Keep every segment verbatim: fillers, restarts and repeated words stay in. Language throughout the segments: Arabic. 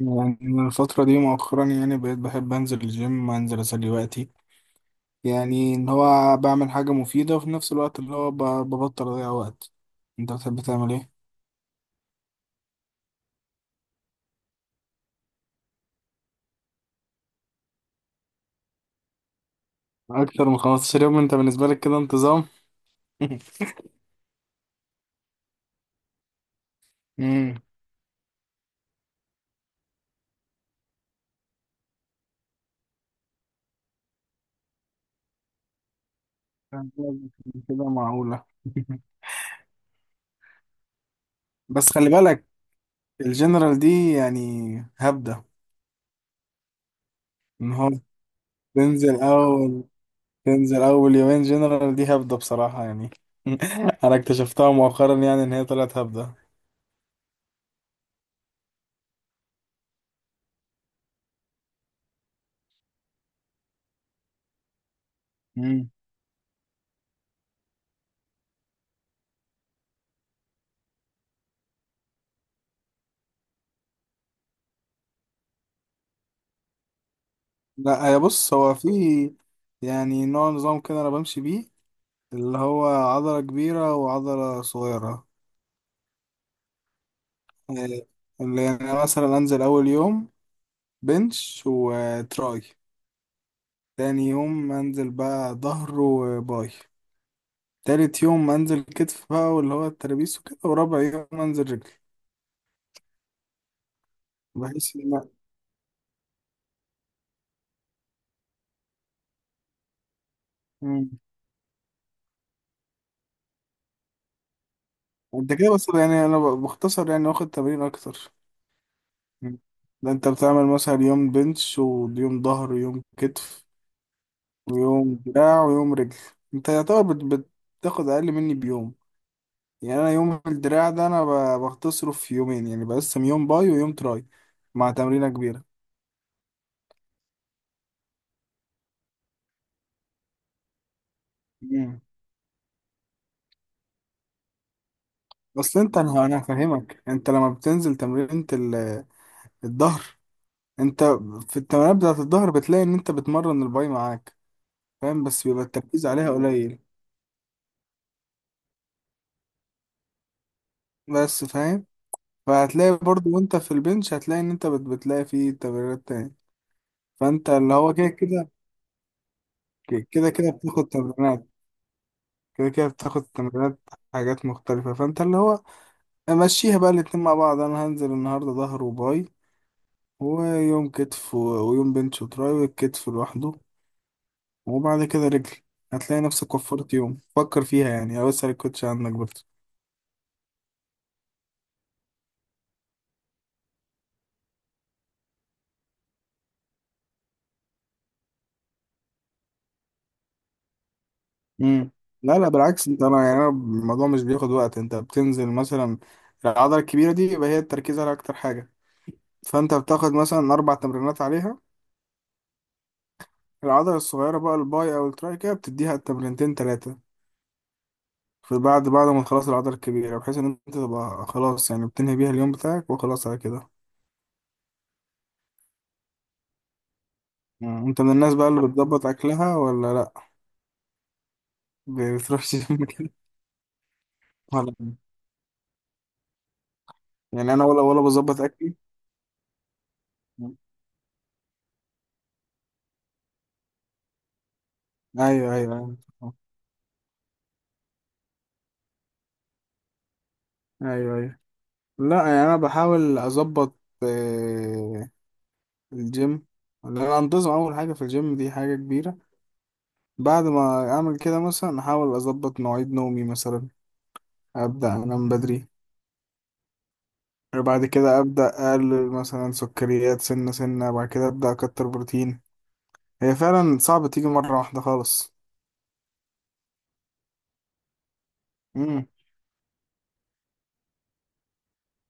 يعني أنا الفترة دي مؤخرا يعني بقيت بحب أنزل الجيم أنزل أسلي وقتي يعني إن هو بعمل حاجة مفيدة وفي نفس الوقت اللي هو ب- ببطل أضيع وقت. أنت بتحب تعمل إيه؟ أكتر من 15 يوم أنت بالنسبة لك كده انتظام؟ امم كده معقولة. بس خلي بالك، الجنرال دي يعني هبدة. إن هو تنزل أول تنزل أول يومين جنرال دي هبدة بصراحة يعني أنا اكتشفتها مؤخرا يعني إن هي طلعت هبدة. لا يا بص، هو في يعني نوع نظام كده انا بمشي بيه، اللي هو عضلة كبيرة وعضلة صغيرة. إيه، اللي يعني مثلا انزل اول يوم بنش وتراي، تاني يوم انزل بقى ظهر وباي، تالت يوم انزل كتف بقى واللي هو الترابيس وكده، ورابع يوم انزل رجل. بحيث ان أنا- مم. انت كده بس يعني انا ب- بختصر يعني واخد تمرين اكتر. مم. ده انت بتعمل مثلا يوم بنش ويوم ظهر ويوم كتف ويوم دراع ويوم رجل. انت يعتبر بت- بتاخد اقل مني بيوم. يعني انا يوم الدراع ده انا ب- بختصره في يومين يعني بقسم يوم باي ويوم تراي مع تمرينة كبيرة. مم. اصل انت انا انا هفهمك، انت لما بتنزل تمرينة ال- الظهر، انت في التمرينات بتاعت الظهر بتلاقي ان انت بتمرن الباي معاك، فاهم؟ بس بيبقى التركيز عليها قليل. بس فاهم، فهتلاقي برضو وانت في البنش هتلاقي ان انت بت- بتلاقي فيه تمرينات تاني. فانت اللي هو كده كده، كده كده بتاخد تمرينات كده كده بتاخد تمرينات حاجات مختلفة. فانت اللي هو مشيها بقى الاتنين مع بعض. انا هنزل النهاردة ظهر وباي، ويوم كتف و- ويوم بنش وتراي والكتف لوحده، وبعد كده رجل. هتلاقي نفسك وفرت يوم، فكر فيها يعني او اسأل الكوتش عنك برضه. امم. لا لا بالعكس، انت انا يعني أنا الموضوع مش بياخد وقت. انت بتنزل مثلا العضلة الكبيرة دي يبقى هي التركيز على اكتر حاجة، فانت بتاخد مثلا اربع تمرينات عليها. العضلة الصغيرة بقى الباي او التراي كده بتديها تمرينتين تلاتة في بعد بعد ما تخلص العضلة الكبيرة، بحيث إن أنت تبقى خلاص يعني بتنهي بيها اليوم بتاعك وخلاص على كده. مم. أنت من الناس بقى اللي بتظبط أكلها ولا لأ؟ بتروح جيم كده؟ ولا يعني أنا ولا ولا بظبط أكلي. مم. أيوه أيوه أيوه. أيوه أيوه، لأ يعني أنا بحاول أظبط، آه، الجيم. إن أنا أنتظم أول حاجة في الجيم دي حاجة كبيرة. بعد ما أعمل كده مثلا أحاول أظبط مواعيد نومي مثلا، أبدأ أنام بدري. بعد كده أبدأ أقلل مثلا سكريات سنة سنة، بعد كده أبدأ أكتر بروتين. هي فعلا صعب تيجي مرة واحدة خالص. امم.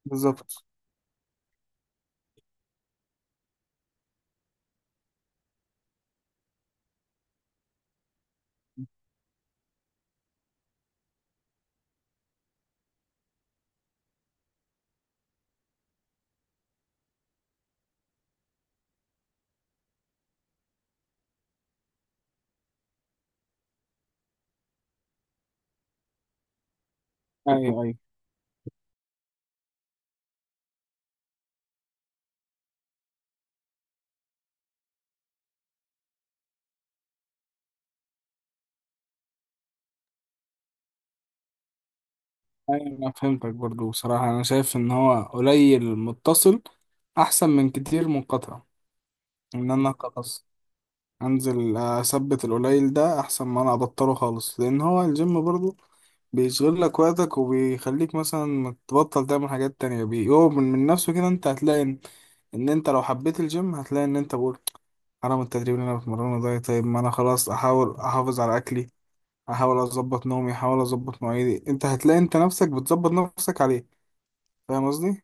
بالظبط. أيوه أيوه أيوه. أنا فهمتك برضو، بصراحة أنا شايف إن هو قليل متصل أحسن من كتير منقطع. إن أنا أقطع، انزل آه، اثبت القليل ده احسن ما انا ابطله خالص. لان هو الجيم برضه بيشغل لك وقتك وبيخليك مثلا ما تبطل تعمل حاجات تانية، بيقوم من من نفسه كده انت هتلاقي ان ان انت لو حبيت الجيم هتلاقي ان انت بقول حرام التدريب اللي انا بتمرنه ده. طيب ما انا خلاص احاول احافظ على اكلي، احاول اظبط نومي، احاول اظبط مواعيدي. انت هتلاقي انت نفسك بتظبط نفسك عليه. فاهم قصدي؟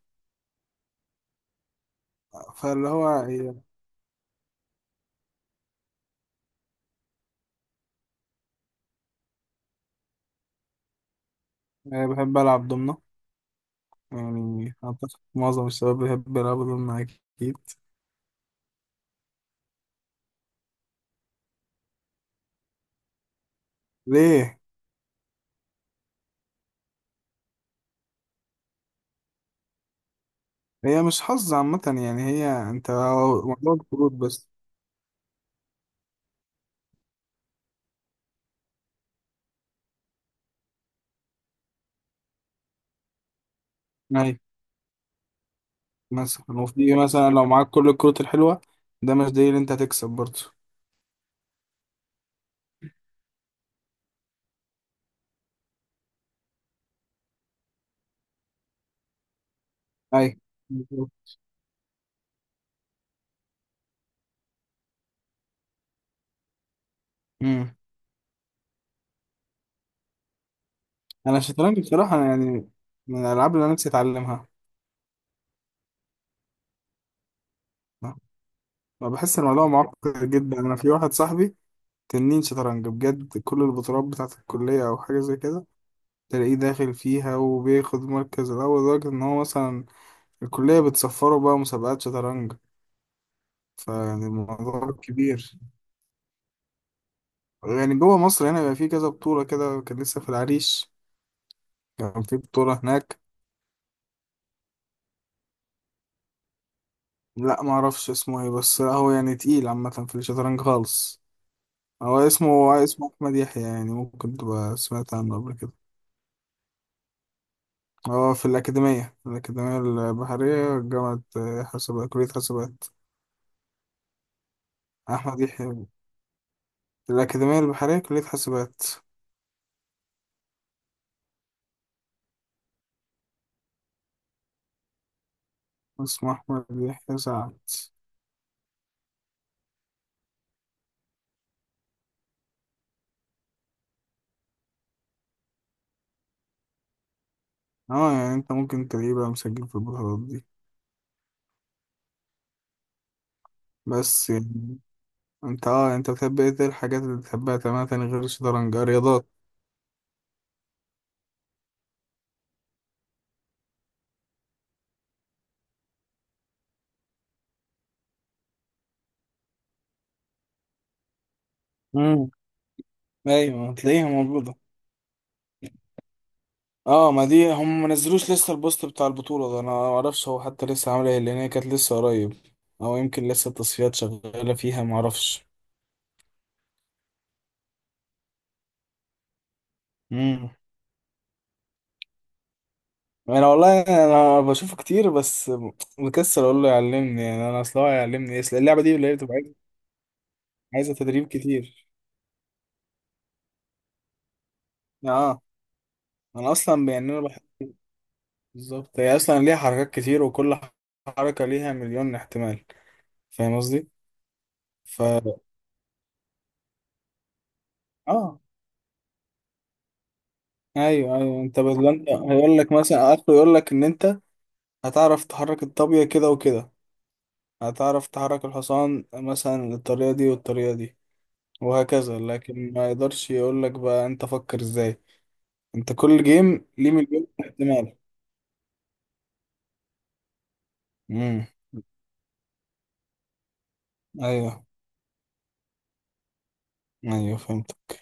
فاللي هو إيه، يعني بحب العب ضمنه. يعني اعتقد معظم الشباب بيحب يلعبوا ضمنه اكيد. ليه؟ هي مش حظ عامة يعني هي انت. موضوع الكروت بس. ايوه، مثلا وفي مثلا لو معاك كل الكروت الحلوة ده مش دليل انت هتكسب برضه. ايوه بالظبط. امم. انا الشطرنج بصراحة يعني من الالعاب اللي انا نفسي اتعلمها. ما بحس الموضوع معقد جدا. انا في واحد صاحبي تنين شطرنج بجد، كل البطولات بتاعة الكلية او حاجة زي كده تلاقيه داخل فيها وبياخد مركز الاول، لدرجة ان هو مثلا الكلية بتصفره بقى مسابقات شطرنج. فيعني الموضوع كبير. يعني جوه مصر هنا بيبقى في كذا بطولة كده، كان لسه في العريش كان في بطولة هناك. لا ما اعرفش اسمه ايه، بس لا هو يعني تقيل عامة في الشطرنج خالص. هو اسمه اسمه أحمد يحيى، يعني ممكن تبقى سمعت عنه قبل كده. هو في الأكاديمية، الأكاديمية البحرية، جامعة حسابات، كلية حسابات. أحمد يحيى، الأكاديمية البحرية، كلية حسابات. اسمه أحمد يحيى سعد. اه يعني انت ممكن تلاقيه بقى مسجل في البطولات دي. بس يعني انت اه انت بتحب ايه، إيه الحاجات اللي بتحبها تماما تاني غير الشطرنج، رياضات؟ امم. ايوه هتلاقيها موجوده. اه ما دي هم ما نزلوش لسه البوست بتاع البطوله ده، انا ما اعرفش هو حتى لسه عامل ايه لان هي كانت لسه قريب، او يمكن لسه التصفيات شغاله فيها ما اعرفش. امم. انا والله انا بشوفه كتير، بس مكسل اقول له يعلمني. يعني انا اصلا هو هيعلمني ايه، أصل اللعبه دي اللي هي بتبقى عايزه، عايزة تدريب كتير. اه. انا اصلا يعني انا بحب، بالظبط هي اصلا ليها حركات كتير وكل حركه ليها مليون احتمال. فاهم قصدي؟ ف اه ايوه ايوه. انت بدل، انت هيقول لك مثلا اخره يقول لك ان انت هتعرف تحرك الطابية كده وكده، هتعرف تحرك الحصان مثلا الطريقة دي والطريقة دي، وهكذا. لكن ما يقدرش يقول لك بقى انت فكر ازاي. انت كل جيم ليه مليون احتمال. امم. ايوه ايوه فهمت.